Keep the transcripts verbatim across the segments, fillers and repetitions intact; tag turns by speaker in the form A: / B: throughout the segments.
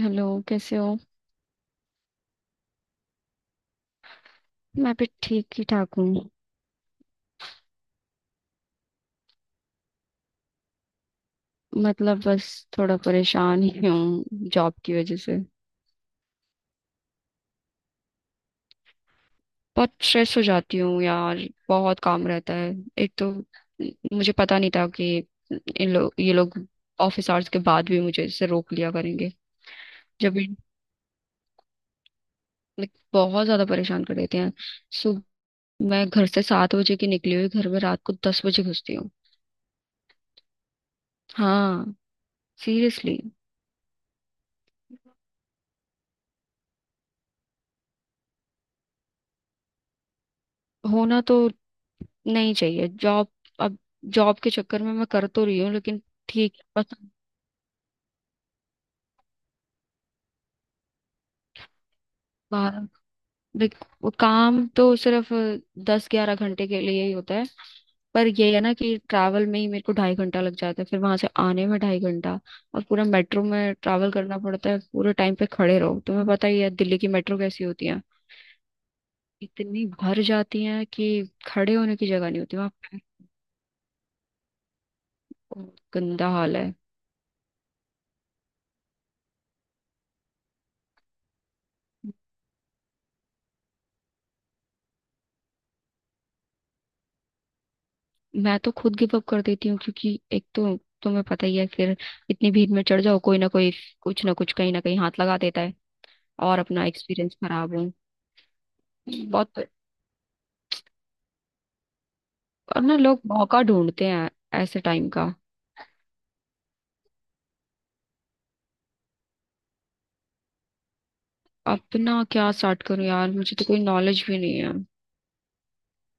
A: Hello. कैसे हो? मैं भी ठीक ही ठाक हूँ। मतलब, बस थोड़ा परेशान ही हूँ जॉब की वजह से। बहुत स्ट्रेस हो जाती हूँ यार। बहुत काम रहता है। एक तो, मुझे पता नहीं था कि इन लोग ये लोग ऑफिस आवर्स के बाद भी मुझे इससे रोक लिया करेंगे। जब भी, like, बहुत ज्यादा परेशान कर देते हैं। सो मैं घर से सात बजे की निकली हुई घर में रात को दस बजे घुसती हूँ। हाँ, सीरियसली। होना तो नहीं चाहिए जॉब। अब, जॉब के चक्कर में मैं कर तो रही हूँ लेकिन ठीक पसंद। बारह। देख, वो काम तो सिर्फ दस ग्यारह घंटे के लिए ही होता है। पर ये है ना कि ट्रैवल में ही मेरे को ढाई घंटा लग जाता है, फिर वहां से आने में ढाई घंटा। और पूरा मेट्रो में ट्रैवल करना पड़ता है, पूरे टाइम पे खड़े रहो। तुम्हें पता ही है दिल्ली की मेट्रो कैसी होती है। इतनी भर जाती है कि खड़े होने की जगह नहीं होती वहां। गंदा हाल है। मैं तो खुद गिव अप कर देती हूँ, क्योंकि एक तो तुम्हें पता ही है। फिर इतनी भीड़ में चढ़ जाओ, कोई ना कोई कुछ ना कुछ कहीं ना कहीं हाथ लगा देता है। और अपना एक्सपीरियंस खराब हो। बहुत। और ना, लोग मौका ढूंढते हैं ऐसे टाइम का। अपना क्या स्टार्ट करूं यार, मुझे तो कोई नॉलेज भी नहीं है।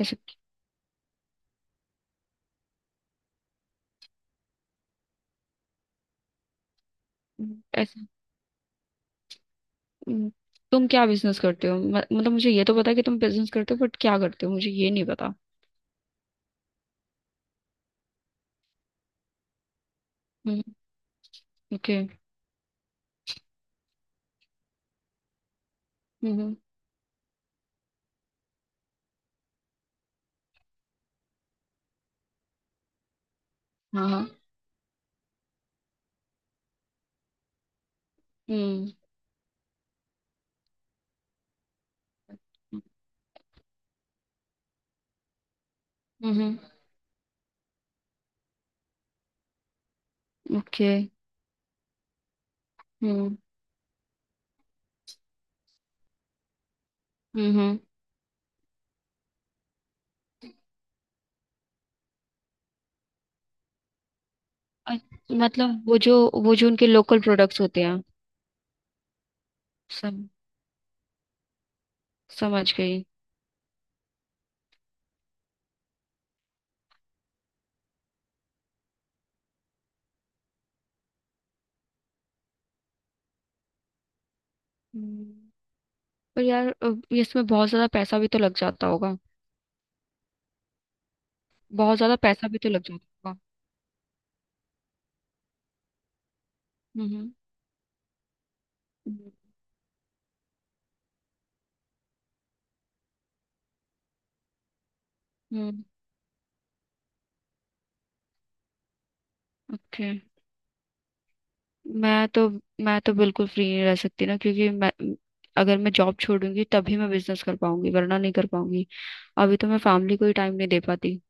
A: ऐसे। ऐसे। हम्म, तुम क्या बिजनेस करते हो? म- मतलब, मुझे ये तो पता है कि तुम बिजनेस करते हो बट क्या करते हो मुझे ये नहीं पता। हम्म। ओके। हम्म हम्म। हाँ हाँ। हम्म हम्म। ओके। हम्म हम्म हम्म। अ- मतलब वो जो वो जो उनके लोकल प्रोडक्ट्स होते हैं। सम, समझ गई। हम्म, पर यार, अ, ये इसमें बहुत ज्यादा पैसा भी तो लग जाता होगा। बहुत ज्यादा पैसा भी तो लग जाता होगा। हम्म हम्म। ओके। मैं तो मैं तो बिल्कुल फ्री नहीं रह सकती ना, क्योंकि मैं अगर मैं जॉब छोड़ूंगी तभी मैं बिजनेस कर पाऊंगी, वरना नहीं कर पाऊंगी। अभी तो मैं फैमिली को ही टाइम नहीं दे पाती।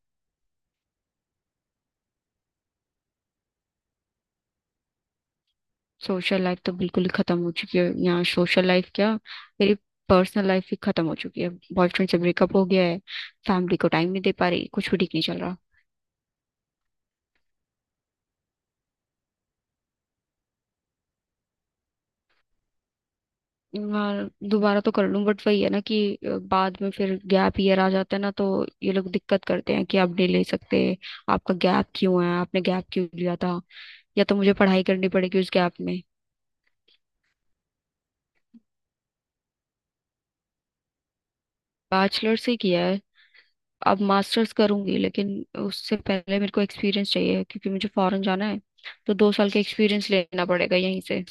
A: सोशल लाइफ तो बिल्कुल ही खत्म हो चुकी है। यहाँ सोशल लाइफ क्या, मेरी पर्सनल लाइफ भी खत्म हो चुकी है। बॉयफ्रेंड से ब्रेकअप हो गया है। फैमिली को टाइम नहीं दे पा रही, कुछ भी ठीक नहीं चल रहा। और दोबारा तो कर लूं बट वही है ना कि अ, बाद में फिर गैप ईयर आ जाता है ना, तो ये लोग दिक्कत करते हैं कि आप नहीं ले सकते, आपका गैप क्यों है, आपने गैप क्यों लिया था। या तो मुझे पढ़ाई करनी पड़ेगी उस गैप में। बैचलर से किया है, अब मास्टर्स करूंगी, लेकिन उससे पहले मेरे को एक्सपीरियंस चाहिए क्योंकि मुझे फॉरेन जाना है। तो दो साल का एक्सपीरियंस लेना पड़ेगा यहीं से।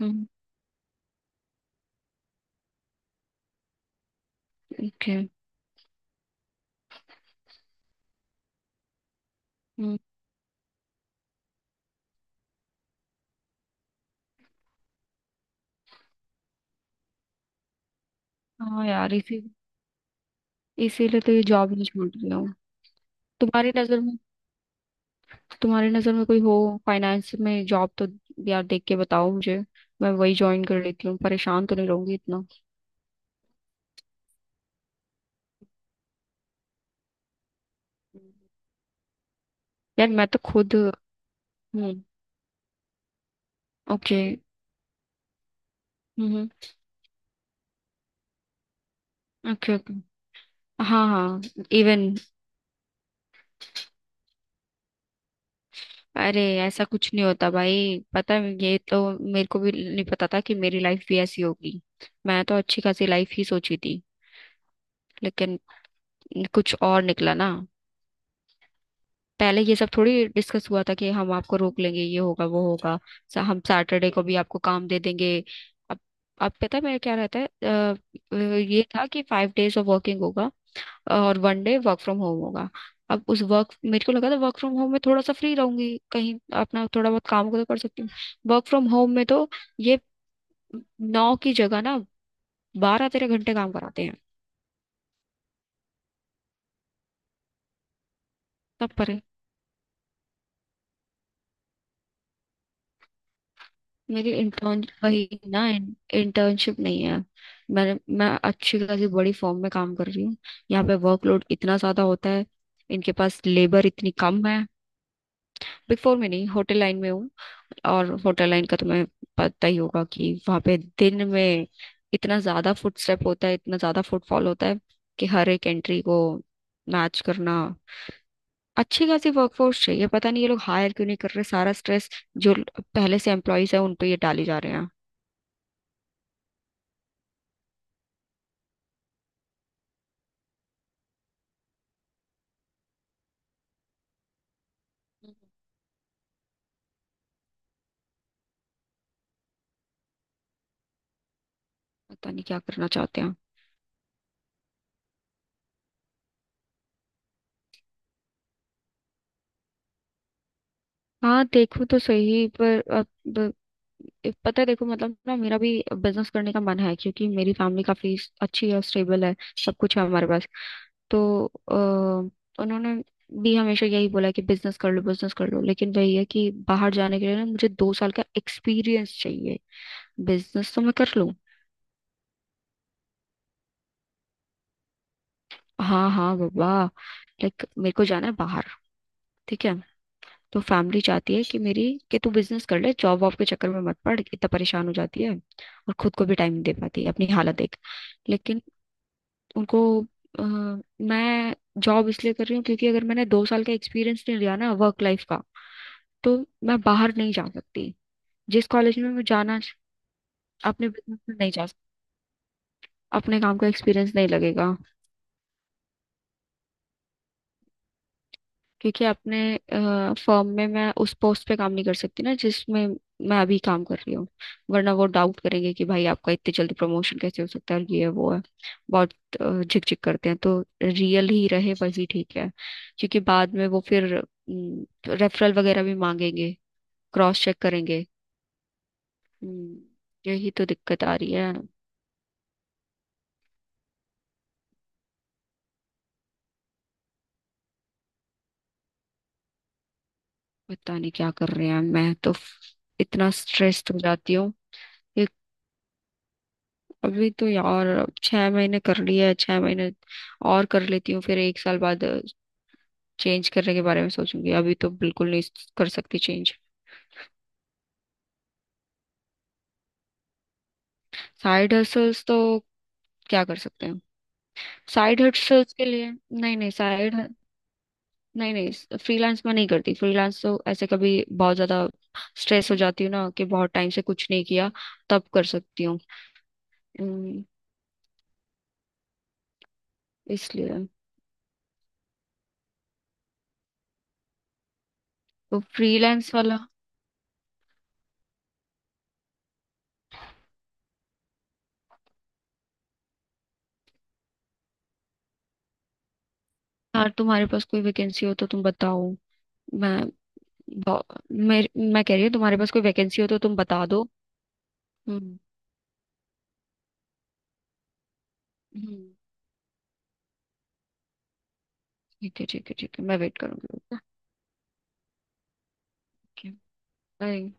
A: हम्म। ओके। हम्म। हाँ यार, इसी इसीलिए तो ये जॉब नहीं छोड़ रही हूँ। तुम्हारी नजर में तुम्हारी नजर में कोई हो फाइनेंस में जॉब तो, यार देख के बताओ मुझे। मैं वही ज्वाइन कर लेती हूँ, परेशान तो नहीं रहूंगी इतना। यार मैं तो खुद। Hmm. Okay. Hmm. Okay. Okay. हाँ हाँ। इवन। अरे ऐसा कुछ नहीं होता भाई। पता है, ये तो मेरे को भी नहीं पता था कि मेरी लाइफ भी ऐसी होगी। मैं तो अच्छी खासी लाइफ ही सोची थी, लेकिन कुछ और निकला ना। पहले ये सब थोड़ी डिस्कस हुआ था कि हम आपको रोक लेंगे, ये होगा वो होगा। सा- हम सैटरडे को भी आपको काम दे देंगे। अब अब पता है मेरा क्या रहता है। अ, अ, ये था कि फाइव डेज ऑफ वर्किंग होगा और one day work from home होगा। अब उस वर्क मेरे को लगा था वर्क फ्रॉम होम में थोड़ा सा फ्री रहूंगी, कहीं अपना थोड़ा बहुत काम को तो कर सकती हूँ। वर्क फ्रॉम होम में तो ये नौ की जगह ना, बारह तेरह घंटे काम कराते हैं। तब पर। मेरी इंटर्न वही ना, इंटर्नशिप नहीं है। मैंने मैं अच्छी खासी बड़ी फॉर्म में काम कर रही हूँ। यहाँ पे वर्कलोड इतना ज्यादा होता है, इनके पास लेबर इतनी कम है। बिग फोर में नहीं, होटल लाइन में हूँ। और होटल लाइन का तुम्हें पता ही होगा कि वहां पे दिन में इतना ज्यादा फुटस्टेप होता है, इतना ज्यादा फुटफॉल होता है कि हर एक एंट्री को मैच करना, अच्छी खासी वर्कफोर्स चाहिए। पता नहीं ये लोग हायर क्यों नहीं कर रहे। सारा स्ट्रेस जो पहले से एम्प्लॉयज है उन पे ये डाले जा रहे हैं। पता नहीं क्या करना चाहते हैं। हाँ, देखो तो सही। पर अब एक पता है, देखो मतलब ना, मेरा भी बिजनेस करने का मन है क्योंकि मेरी फैमिली काफी अच्छी है, स्टेबल है, सब कुछ है हमारे पास। तो अ, उन्होंने भी हमेशा यही बोला कि बिजनेस कर लो बिजनेस कर लो, लेकिन वही है कि बाहर जाने के लिए ना, मुझे दो साल का एक्सपीरियंस चाहिए। बिजनेस तो मैं कर लूँ। हाँ हाँ बाबा। लाइक मेरे को जाना है बाहर। ठीक है। तो फैमिली चाहती है कि मेरी कि तू बिजनेस कर ले, जॉब वॉब के चक्कर में मत पड़, इतना परेशान हो जाती है और खुद को भी टाइम नहीं दे पाती, अपनी हालत देख। लेकिन उनको अ, मैं जॉब इसलिए कर रही हूँ क्योंकि अगर मैंने दो साल का एक्सपीरियंस नहीं लिया ना, वर्क लाइफ का, तो मैं बाहर नहीं जा सकती। जिस कॉलेज में मैं जाना, अपने बिजनेस में नहीं जा सकती। अपने काम का एक्सपीरियंस नहीं लगेगा, क्योंकि अपने फर्म में मैं उस पोस्ट पे काम नहीं कर सकती ना जिसमें मैं अभी काम कर रही हूँ। वरना वो डाउट करेंगे कि भाई आपका इतनी जल्दी प्रमोशन कैसे हो सकता है, और ये है वो है, बहुत अ, झिक झिक करते हैं। तो रियल ही रहे, वही ठीक है। क्योंकि बाद में वो फिर रेफरल वगैरह भी मांगेंगे, क्रॉस चेक करेंगे। हम्म, यही तो दिक्कत आ रही है। पता नहीं क्या कर रहे हैं। मैं तो फ- इतना स्ट्रेस्ड हो जाती हूँ। एक, अभी तो यार छह महीने कर लिया है। छह महीने और कर लेती हूँ, फिर एक साल बाद चेंज करने के बारे में सोचूंगी। अभी तो बिल्कुल नहीं कर सकती चेंज। साइड हसल्स तो क्या कर सकते हैं। साइड हसल्स के लिए, नहीं नहीं साइड, नहीं नहीं फ्रीलांस में नहीं करती। फ्रीलांस तो ऐसे कभी बहुत ज्यादा स्ट्रेस हो जाती हूँ ना कि बहुत टाइम से कुछ नहीं किया, तब कर सकती हूँ। हम्म, इसलिए, तो फ्रीलांस वाला। यार तुम्हारे पास कोई वैकेंसी हो तो तुम बताओ। मैं बहु- मैं मैं कह रही हूँ तुम्हारे पास कोई वैकेंसी हो तो तुम बता दो। हम्म। हम्म, ठीक है, ठीक है, ठीक है, मैं वेट करूंगी। ओके। बाय।